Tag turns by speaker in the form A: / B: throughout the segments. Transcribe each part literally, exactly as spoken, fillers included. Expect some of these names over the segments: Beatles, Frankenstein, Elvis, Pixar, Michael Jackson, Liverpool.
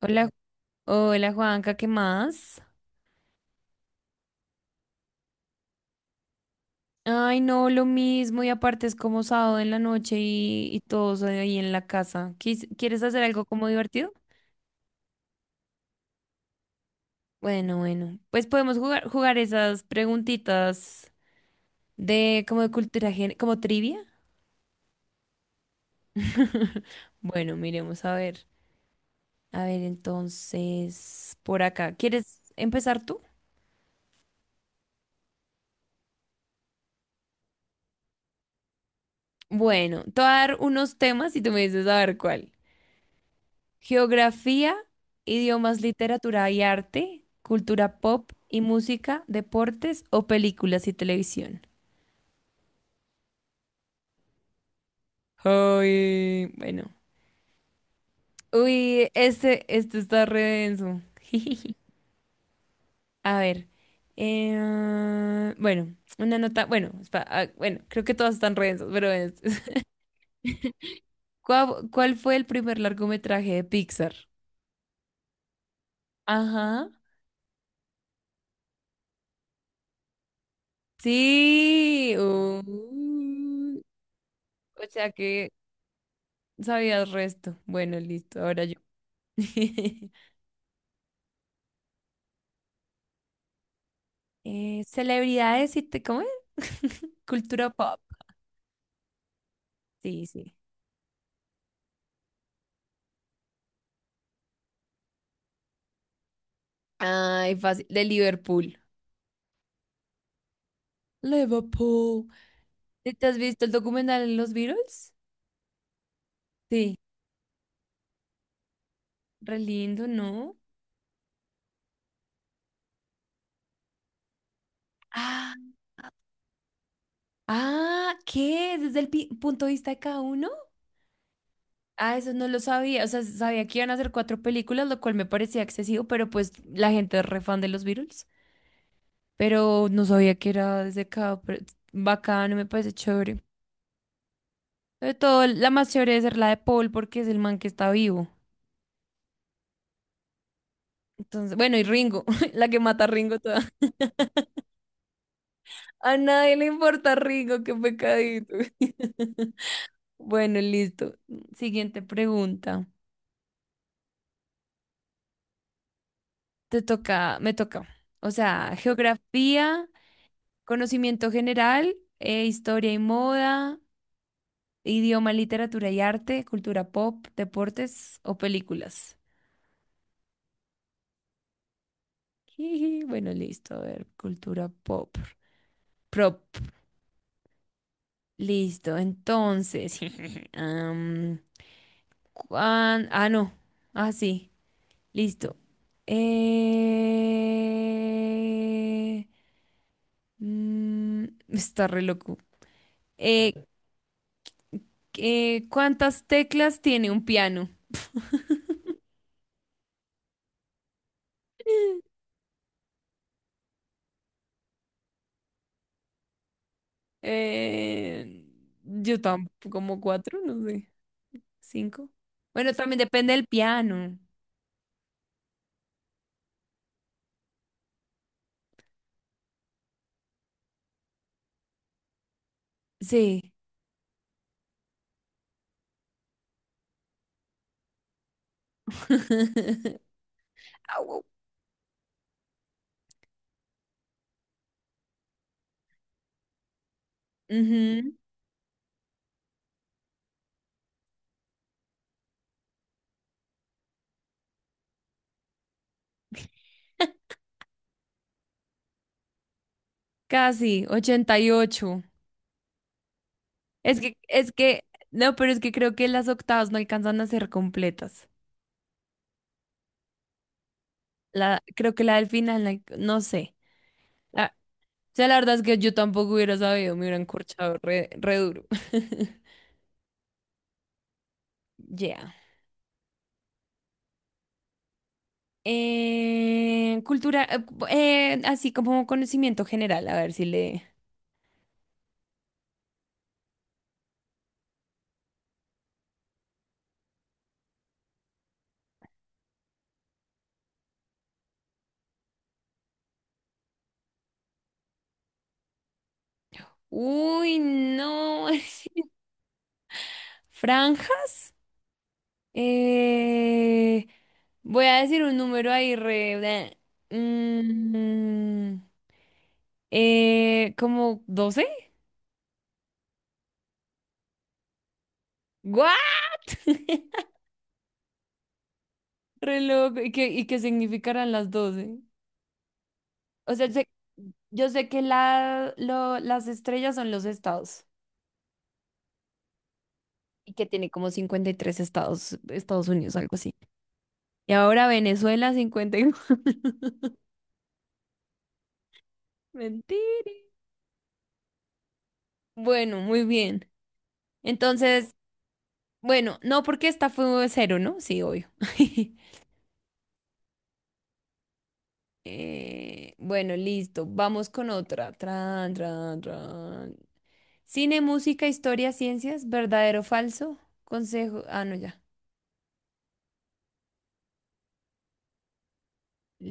A: Hola, hola Juanca, ¿qué más? Ay, no, lo mismo y aparte es como sábado en la noche y, y todos ahí en la casa. ¿Quis- ¿Quieres hacer algo como divertido? Bueno, bueno, pues podemos jugar, jugar esas preguntitas de como de cultura, gen- como trivia. Bueno, miremos a ver. A ver, entonces, por acá. ¿Quieres empezar tú? Bueno, te voy a dar unos temas y tú me dices a ver cuál. Geografía, idiomas, literatura y arte, cultura pop y música, deportes o películas y televisión. Ay, bueno. Uy, este, este está re denso. A ver. Eh, bueno, una nota. Bueno, espa- ah, bueno, creo que todas están re densas, pero es- ¿Cuál, cuál fue el primer largometraje de Pixar? Ajá. Sí. Uh, o sea que. Sabías resto. Bueno, listo, ahora yo. Eh, celebridades y te, ¿cómo es? Cultura pop. Sí, sí. Ay, fácil. De Liverpool. Liverpool. ¿Sí? ¿Te has visto el documental de los Beatles? Sí. Re lindo, ¿no? Ah, ah, ¿qué? ¿Desde el pi- punto de vista de cada uno? Ah, eso no lo sabía. O sea, sabía que iban a hacer cuatro películas, lo cual me parecía excesivo, pero pues la gente es re fan de los Beatles. Pero no sabía que era desde acá, pero es bacano, me parece chévere. Sobre todo, la más chévere debe ser la de Paul, porque es el man que está vivo. Entonces, bueno, y Ringo, la que mata a Ringo toda. A nadie le importa Ringo, qué pecadito. Bueno, listo. Siguiente pregunta. Te toca, me toca. O sea, geografía, conocimiento general, eh, historia y moda, idioma, literatura y arte, cultura pop, deportes o películas. Jiji, bueno, listo, a ver, cultura pop. Prop, listo, entonces. am, cuán- ah, no, ah, sí, listo. Eh, mm, Está re loco. Eh, eh, ¿Cuántas teclas tiene un piano? Eh, yo tampoco, como cuatro, no sé, cinco. Bueno, también depende del piano. Sí. Ujú. Casi, ochenta y ocho. Es que, es que, no, pero es que creo que las octavas no alcanzan a ser completas. La, creo que la del final, la- no sé. La, o sea, la verdad es que yo tampoco hubiera sabido, me hubieran corchado re, re duro. Ya. Eh, cultura, eh, cu- eh, así como conocimiento general, a ver si le... Uy, no. ¿Franjas? Eh, Voy a decir un número ahí re... bleh. Mm, eh, ¿Como doce? ¿What? Re loco. ¿Y qué, y qué significarán las doce? O sea, sé- yo sé que la, lo- las estrellas son los estados y que tiene como cincuenta y tres estados, Estados Unidos, algo así. Y ahora Venezuela cincuenta y uno. Mentira. Bueno, muy bien. Entonces... Bueno, no, porque esta fue cero, ¿no? Sí, obvio. Eh, bueno, listo. Vamos con otra. Tran, tran, tran. Cine, música, historia, ciencias, verdadero o falso. Consejo. Ah, no, ya.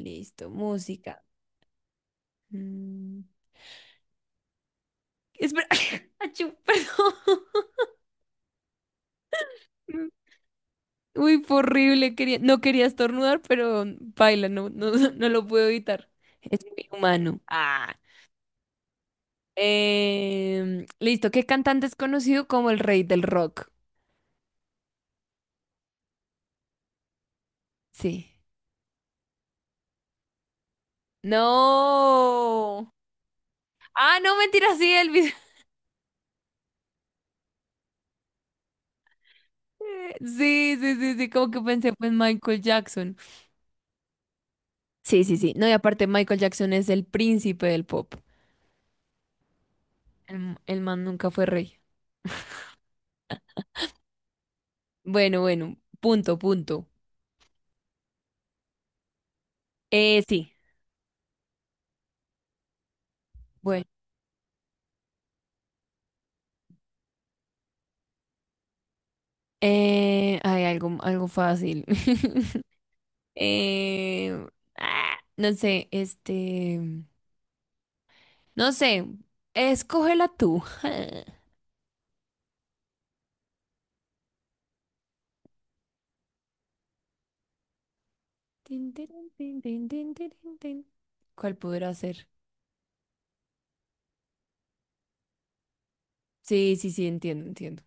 A: Listo, música. Mm, Espera. Achú, perdón. Mm. Uy, fue horrible. Quería... No quería estornudar, pero mm, baila, no, no, no lo puedo evitar. Es muy humano. Ah. Em, listo, ¿qué cantante es conocido como el rey del rock? Sí. No. Ah, no, mentira, sí, Elvis. Sí, sí, sí, sí, como que pensé pues Michael Jackson. Sí, sí, sí. No, y aparte Michael Jackson es el príncipe del pop. El, m- el man nunca fue rey. Bueno, bueno, punto, punto. Eh, sí. Bueno, eh, hay algo, algo fácil. Eh, ah, no sé, este, no sé, escógela tú. Tin, tirin, tin, tin, tin, tirin, tin. ¿Cuál podrá ser? Sí, sí, sí, entiendo, entiendo.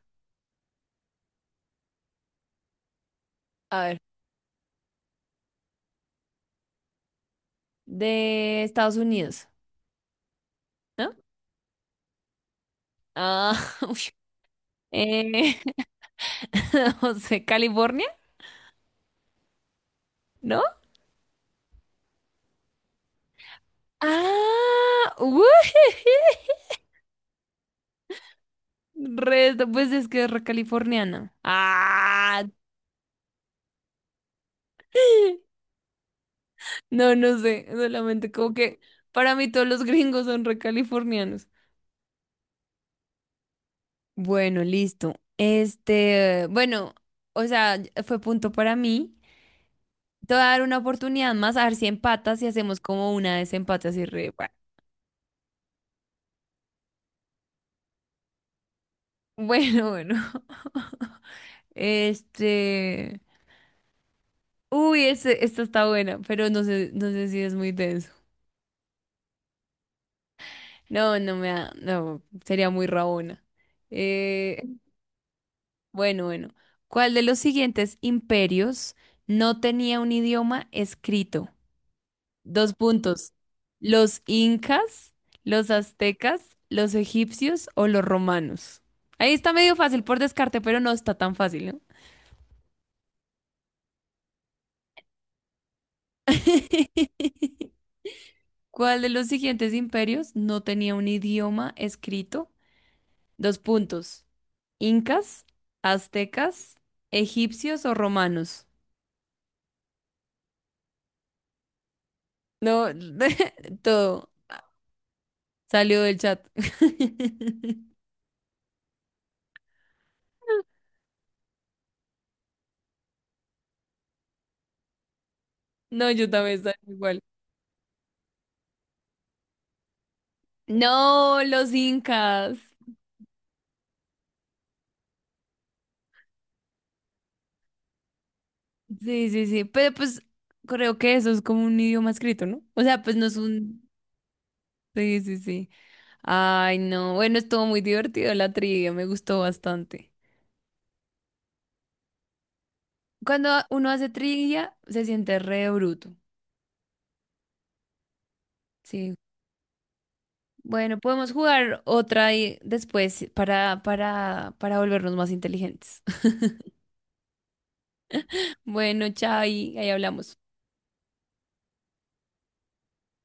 A: A ver, de Estados Unidos, ¿no? Ah, uy. Eh, no sé, California, ¿no? Ah, uy, resto, pues es que es re californiana. Ah, no, no sé, solamente como que para mí todos los gringos son re californianos. Bueno, listo. Este, bueno, o sea, fue punto para mí. Te voy a dar una oportunidad más a ver si empatas y hacemos como una desempate así re. Bueno, bueno. Este. Uy, este, esta está buena, pero no sé, no sé si es muy denso. No, no me da. No, sería muy rabona. Eh, bueno, bueno. ¿Cuál de los siguientes imperios no tenía un idioma escrito? Dos puntos. ¿Los incas, los aztecas, los egipcios o los romanos? Ahí está medio fácil por descarte, pero no está tan fácil, ¿no? ¿Cuál de los siguientes imperios no tenía un idioma escrito? Dos puntos. ¿Incas, aztecas, egipcios o romanos? No, todo salió del chat. No, yo también salí igual. No, los incas. Sí, sí, sí, pero pues creo que eso es como un idioma escrito, ¿no? O sea, pues no es un... Sí, sí, sí. Ay, no. Bueno, estuvo muy divertido la trivia, me gustó bastante. Cuando uno hace trivia, se siente re bruto. Sí. Bueno, podemos jugar otra y después para, para, para volvernos más inteligentes. Bueno, chao, y ahí hablamos.